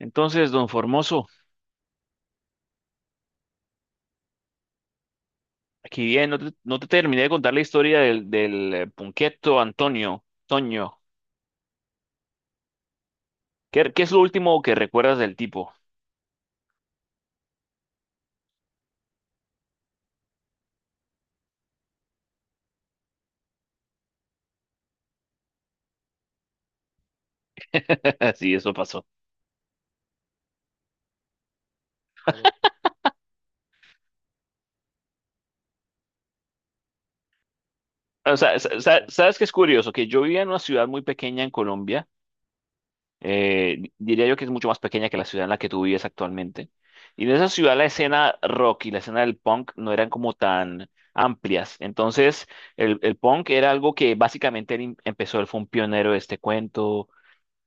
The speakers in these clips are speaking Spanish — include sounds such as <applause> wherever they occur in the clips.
Entonces, don Formoso, aquí bien, no te terminé de contar la historia del Punqueto Antonio, Toño. ¿Qué es lo último que recuerdas del tipo? <laughs> Sí, eso pasó. O sea, ¿sabes qué es curioso? Que yo vivía en una ciudad muy pequeña en Colombia, diría yo que es mucho más pequeña que la ciudad en la que tú vives actualmente. Y en esa ciudad la escena rock y la escena del punk no eran como tan amplias. Entonces, el punk era algo que básicamente él empezó, él fue un pionero de este cuento.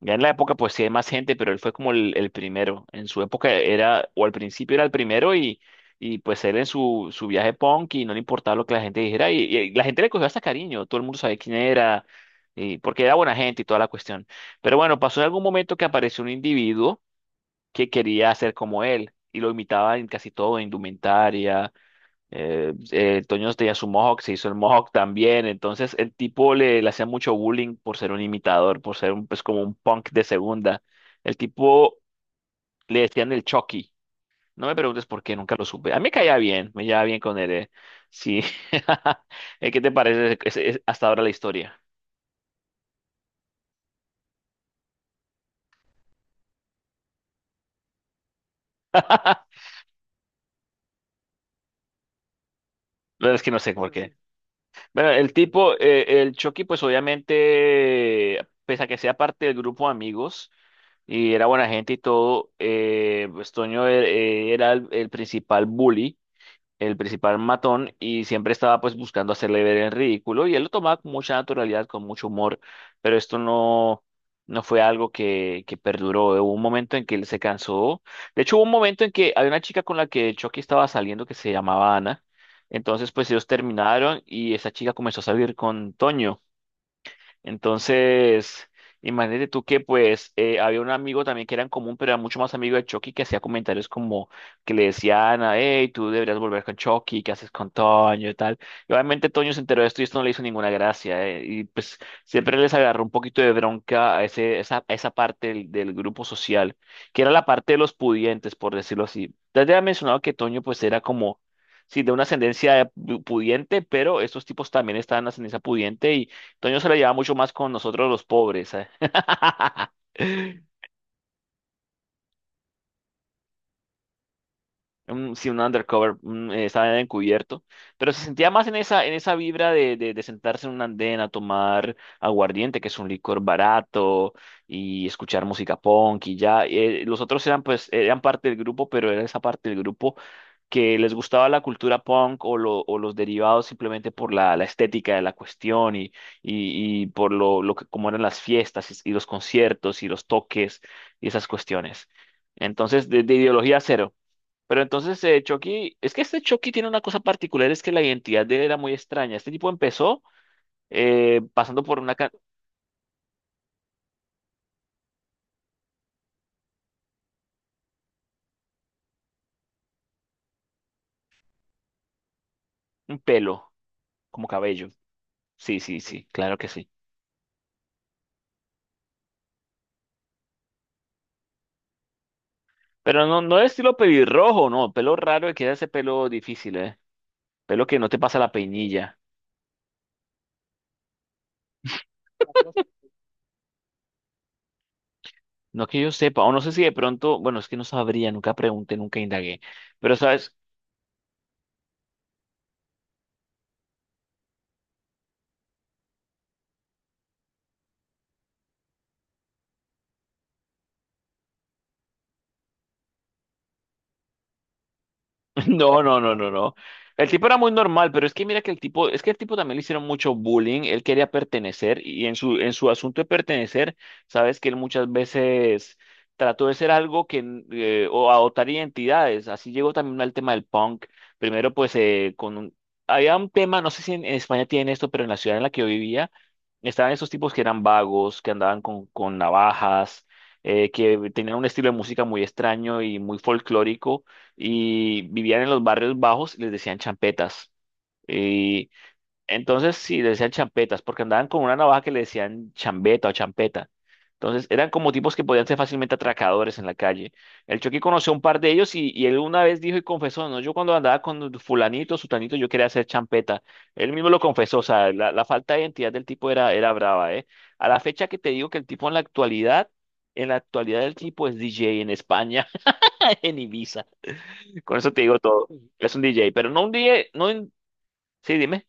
Ya en la época pues sí hay más gente, pero él fue como el primero. En su época era, o al principio era el primero y pues él en su viaje punk y no le importaba lo que la gente dijera y la gente le cogió hasta cariño, todo el mundo sabía quién era, y, porque era buena gente y toda la cuestión. Pero bueno, pasó en algún momento que apareció un individuo que quería ser como él y lo imitaba en casi todo, en indumentaria, Toño tenía su mohawk, se hizo el mohawk también. Entonces el tipo le hacía mucho bullying por ser un imitador, por ser un, pues, como un punk de segunda. El tipo le decían el Chucky. No me preguntes por qué, nunca lo supe. A mí me caía bien, me llevaba bien con él. Sí. <laughs> ¿Qué te parece hasta ahora la historia? <laughs> La verdad es que no sé por qué. Bueno, el tipo, el Chucky, pues obviamente, pese a que sea parte del grupo de amigos. Y era buena gente y todo. Pues Toño era el principal bully, el principal matón, y siempre estaba pues buscando hacerle ver el ridículo, y él lo tomaba con mucha naturalidad, con mucho humor, pero esto no fue algo que perduró. Hubo un momento en que él se cansó. De hecho, hubo un momento en que había una chica con la que Chucky estaba saliendo que se llamaba Ana. Entonces, pues ellos terminaron y esa chica comenzó a salir con Toño. Entonces, imagínate tú que pues había un amigo también que era en común, pero era mucho más amigo de Chucky que hacía comentarios como que le decían, a, hey, tú deberías volver con Chucky, ¿qué haces con Toño y tal? Y obviamente Toño se enteró de esto y esto no le hizo ninguna gracia, y pues siempre les agarró un poquito de bronca a a esa parte del grupo social, que era la parte de los pudientes, por decirlo así. Ya te había mencionado que Toño pues era como... Sí, de una pudiente, pero estos tipos también estaban en ascendencia pudiente y Toño se la lleva mucho más con nosotros los pobres. ¿Eh? <laughs> Sí, un undercover, un, estaba encubierto, pero se sentía más en esa vibra de sentarse en un andén a tomar aguardiente, que es un licor barato, y escuchar música punk y ya. Los otros eran pues, eran parte del grupo, pero era esa parte del grupo que les gustaba la cultura punk o los derivados simplemente por la estética de la cuestión y, y por cómo eran las fiestas y los conciertos y los toques y esas cuestiones. Entonces, de ideología cero. Pero entonces, Chucky, es que este Chucky tiene una cosa particular, es que la identidad de él era muy extraña. Este tipo empezó pasando por una, un pelo, como cabello. Sí, sí, sí, claro que sí. Pero no, no de estilo pelirrojo, no, pelo raro, que era ese pelo difícil, ¿eh? Pelo que no te pasa la peinilla. No que yo sepa, o no sé si de pronto, bueno, es que no sabría, nunca pregunté, nunca indagué. Pero sabes, <laughs> no, no, no, no, no. El tipo era muy normal, pero es que mira que el tipo, es que el tipo también le hicieron mucho bullying, él quería pertenecer y en su asunto de pertenecer, sabes que él muchas veces trató de ser algo que, o adoptar identidades, así llegó también al tema del punk, primero pues había un tema, no sé si en España tienen esto, pero en la ciudad en la que yo vivía, estaban esos tipos que eran vagos, que andaban con navajas, que tenían un estilo de música muy extraño y muy folclórico y vivían en los barrios bajos y les decían champetas. Y entonces sí, les decían champetas, porque andaban con una navaja que le decían chambeta o champeta. Entonces eran como tipos que podían ser fácilmente atracadores en la calle. El Chucky conoció a un par de ellos y él una vez dijo y confesó, no, yo cuando andaba con fulanito, sutanito, yo quería hacer champeta. Él mismo lo confesó, o sea, la falta de identidad del tipo era, era brava, ¿eh? A la fecha que te digo que el tipo en la actualidad el tipo es DJ en España, <laughs> en Ibiza. Con eso te digo todo. Es un DJ, pero no un DJ, no un- Sí, dime.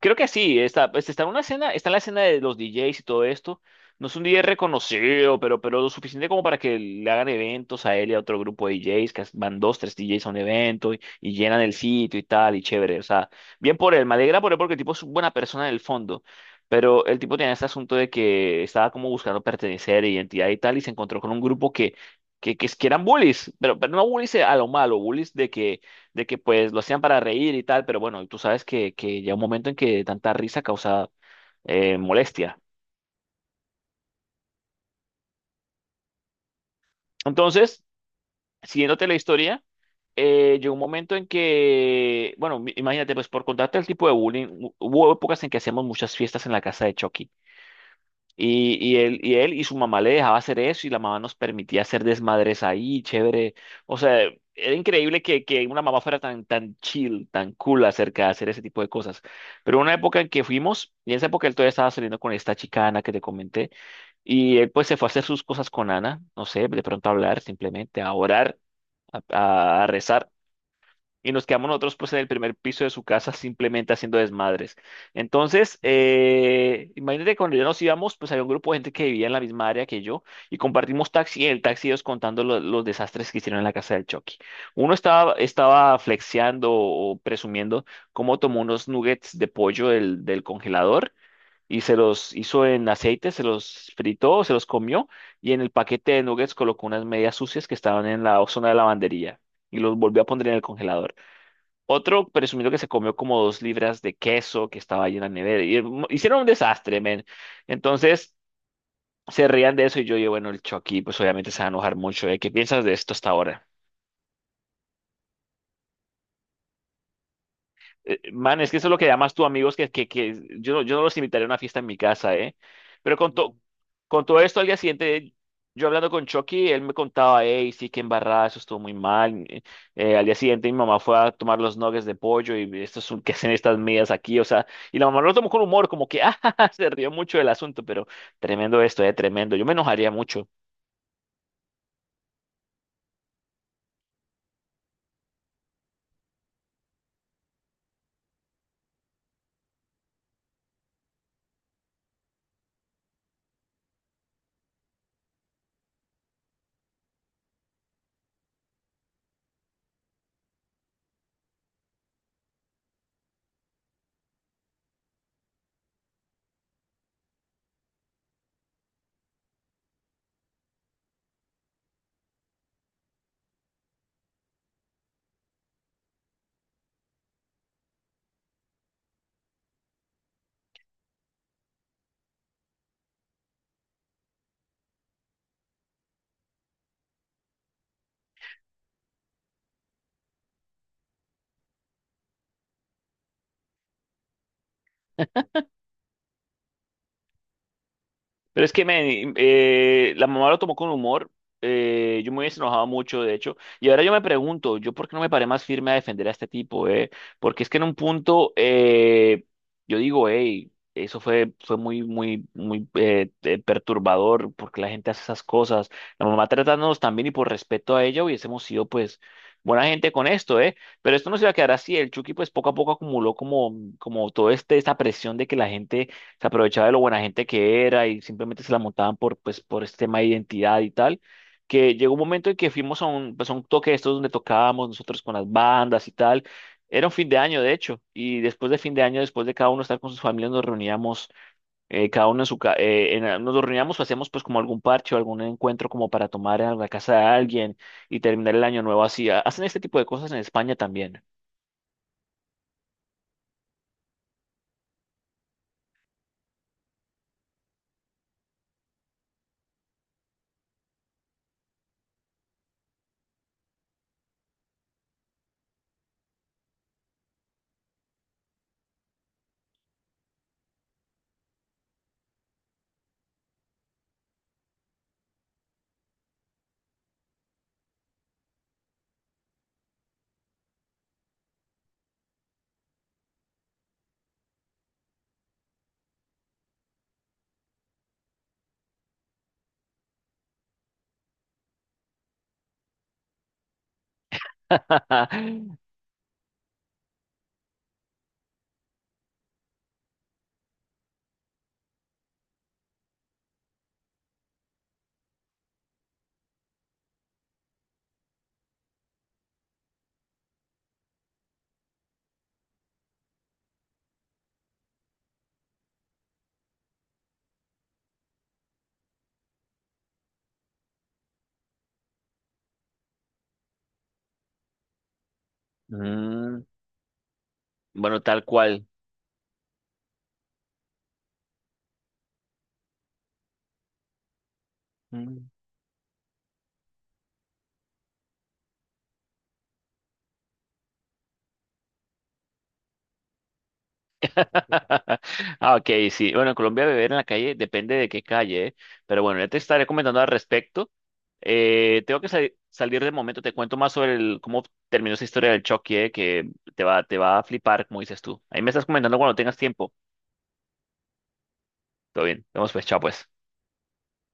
Creo que sí, está, pues, está en una escena, está en la escena de los DJs y todo esto. No es un DJ reconocido, pero lo suficiente como para que le hagan eventos a él y a otro grupo de DJs, que van dos, tres DJs a un evento y llenan el sitio y tal, y chévere. O sea, bien por él, me alegra por él porque el tipo es una buena persona en el fondo. Pero el tipo tenía este asunto de que estaba como buscando pertenecer, identidad y tal, y se encontró con un grupo que eran bullies, pero no bullies a lo malo, bullies de que pues lo hacían para reír y tal, pero bueno, tú sabes que llega un momento en que tanta risa causa molestia. Entonces, siguiéndote la historia, llegó un momento en que, bueno, imagínate, pues por contarte el tipo de bullying, hubo épocas en que hacíamos muchas fiestas en la casa de Chucky. Y, y él y su mamá le dejaba hacer eso y la mamá nos permitía hacer desmadres ahí, chévere. O sea, era increíble que una mamá fuera tan, tan chill, tan cool acerca de hacer ese tipo de cosas. Pero una época en que fuimos, y en esa época él todavía estaba saliendo con esta chica Ana que te comenté, y él pues se fue a hacer sus cosas con Ana, no sé, de pronto a hablar simplemente, a orar, a rezar y nos quedamos nosotros pues en el primer piso de su casa simplemente haciendo desmadres. Entonces, imagínate que cuando ya nos íbamos, pues había un grupo de gente que vivía en la misma área que yo y compartimos taxi y en el taxi ellos contando los desastres que hicieron en la casa del Chucky. Uno estaba flexeando o presumiendo cómo tomó unos nuggets de pollo del congelador. Y se los hizo en aceite, se los fritó, se los comió y en el paquete de nuggets colocó unas medias sucias que estaban en la zona de lavandería y los volvió a poner en el congelador. Otro presumido que se comió como dos libras de queso que estaba ahí en la nevera. Y, hicieron un desastre, men. Entonces se reían de eso y yo digo, bueno, el Chucky, pues obviamente se va a enojar mucho, ¿eh? ¿Qué piensas de esto hasta ahora? Man, es que eso es lo que llamas tú, amigos, que yo, yo no los invitaría a una fiesta en mi casa, ¿eh? Pero con todo esto, al día siguiente, yo hablando con Chucky, él me contaba, hey, sí, que embarrada, eso estuvo muy mal. Al día siguiente, mi mamá fue a tomar los nuggets de pollo y esto es un, ¿qué hacen estas medias aquí? O sea, y la mamá lo tomó con humor, como que, <laughs> ah, ja, ja, ja", se rió mucho del asunto, pero tremendo esto, tremendo. Yo me enojaría mucho. Pero es que, men, la mamá lo tomó con humor. Eh, yo me hubiese enojado mucho, de hecho. Y ahora yo me pregunto, ¿yo por qué no me paré más firme a defender a este tipo? ¿Eh? Porque es que en un punto, yo digo, hey, eso fue muy, muy, muy perturbador porque la gente hace esas cosas. La mamá tratándonos también y por respeto a ella hubiésemos sido, pues, buena gente con esto, ¿eh? Pero esto no se va a quedar así. El Chucky, pues, poco a poco acumuló como, como todo este, esta presión de que la gente se aprovechaba de lo buena gente que era y simplemente se la montaban por, pues, por este tema de identidad y tal, que llegó un momento en que fuimos a un, pues, a un toque de estos donde tocábamos nosotros con las bandas y tal. Era un fin de año, de hecho, y después de fin de año, después de cada uno estar con sus familias, nos reuníamos, cada uno en su casa, nos reuníamos o hacíamos pues como algún parche o algún encuentro como para tomar en la casa de alguien y terminar el año nuevo así. Hacen este tipo de cosas en España también. <laughs> Mm, bueno, tal cual. Mm. <laughs> Ah, ok, sí. Bueno, en Colombia beber en la calle depende de qué calle, ¿eh? Pero bueno, ya te estaré comentando al respecto. Tengo que salir de momento, te cuento más sobre cómo terminó esa historia del choque, ¿eh? Que te va a flipar, como dices tú. Ahí me estás comentando cuando tengas tiempo. Todo bien, vemos pues, chao pues.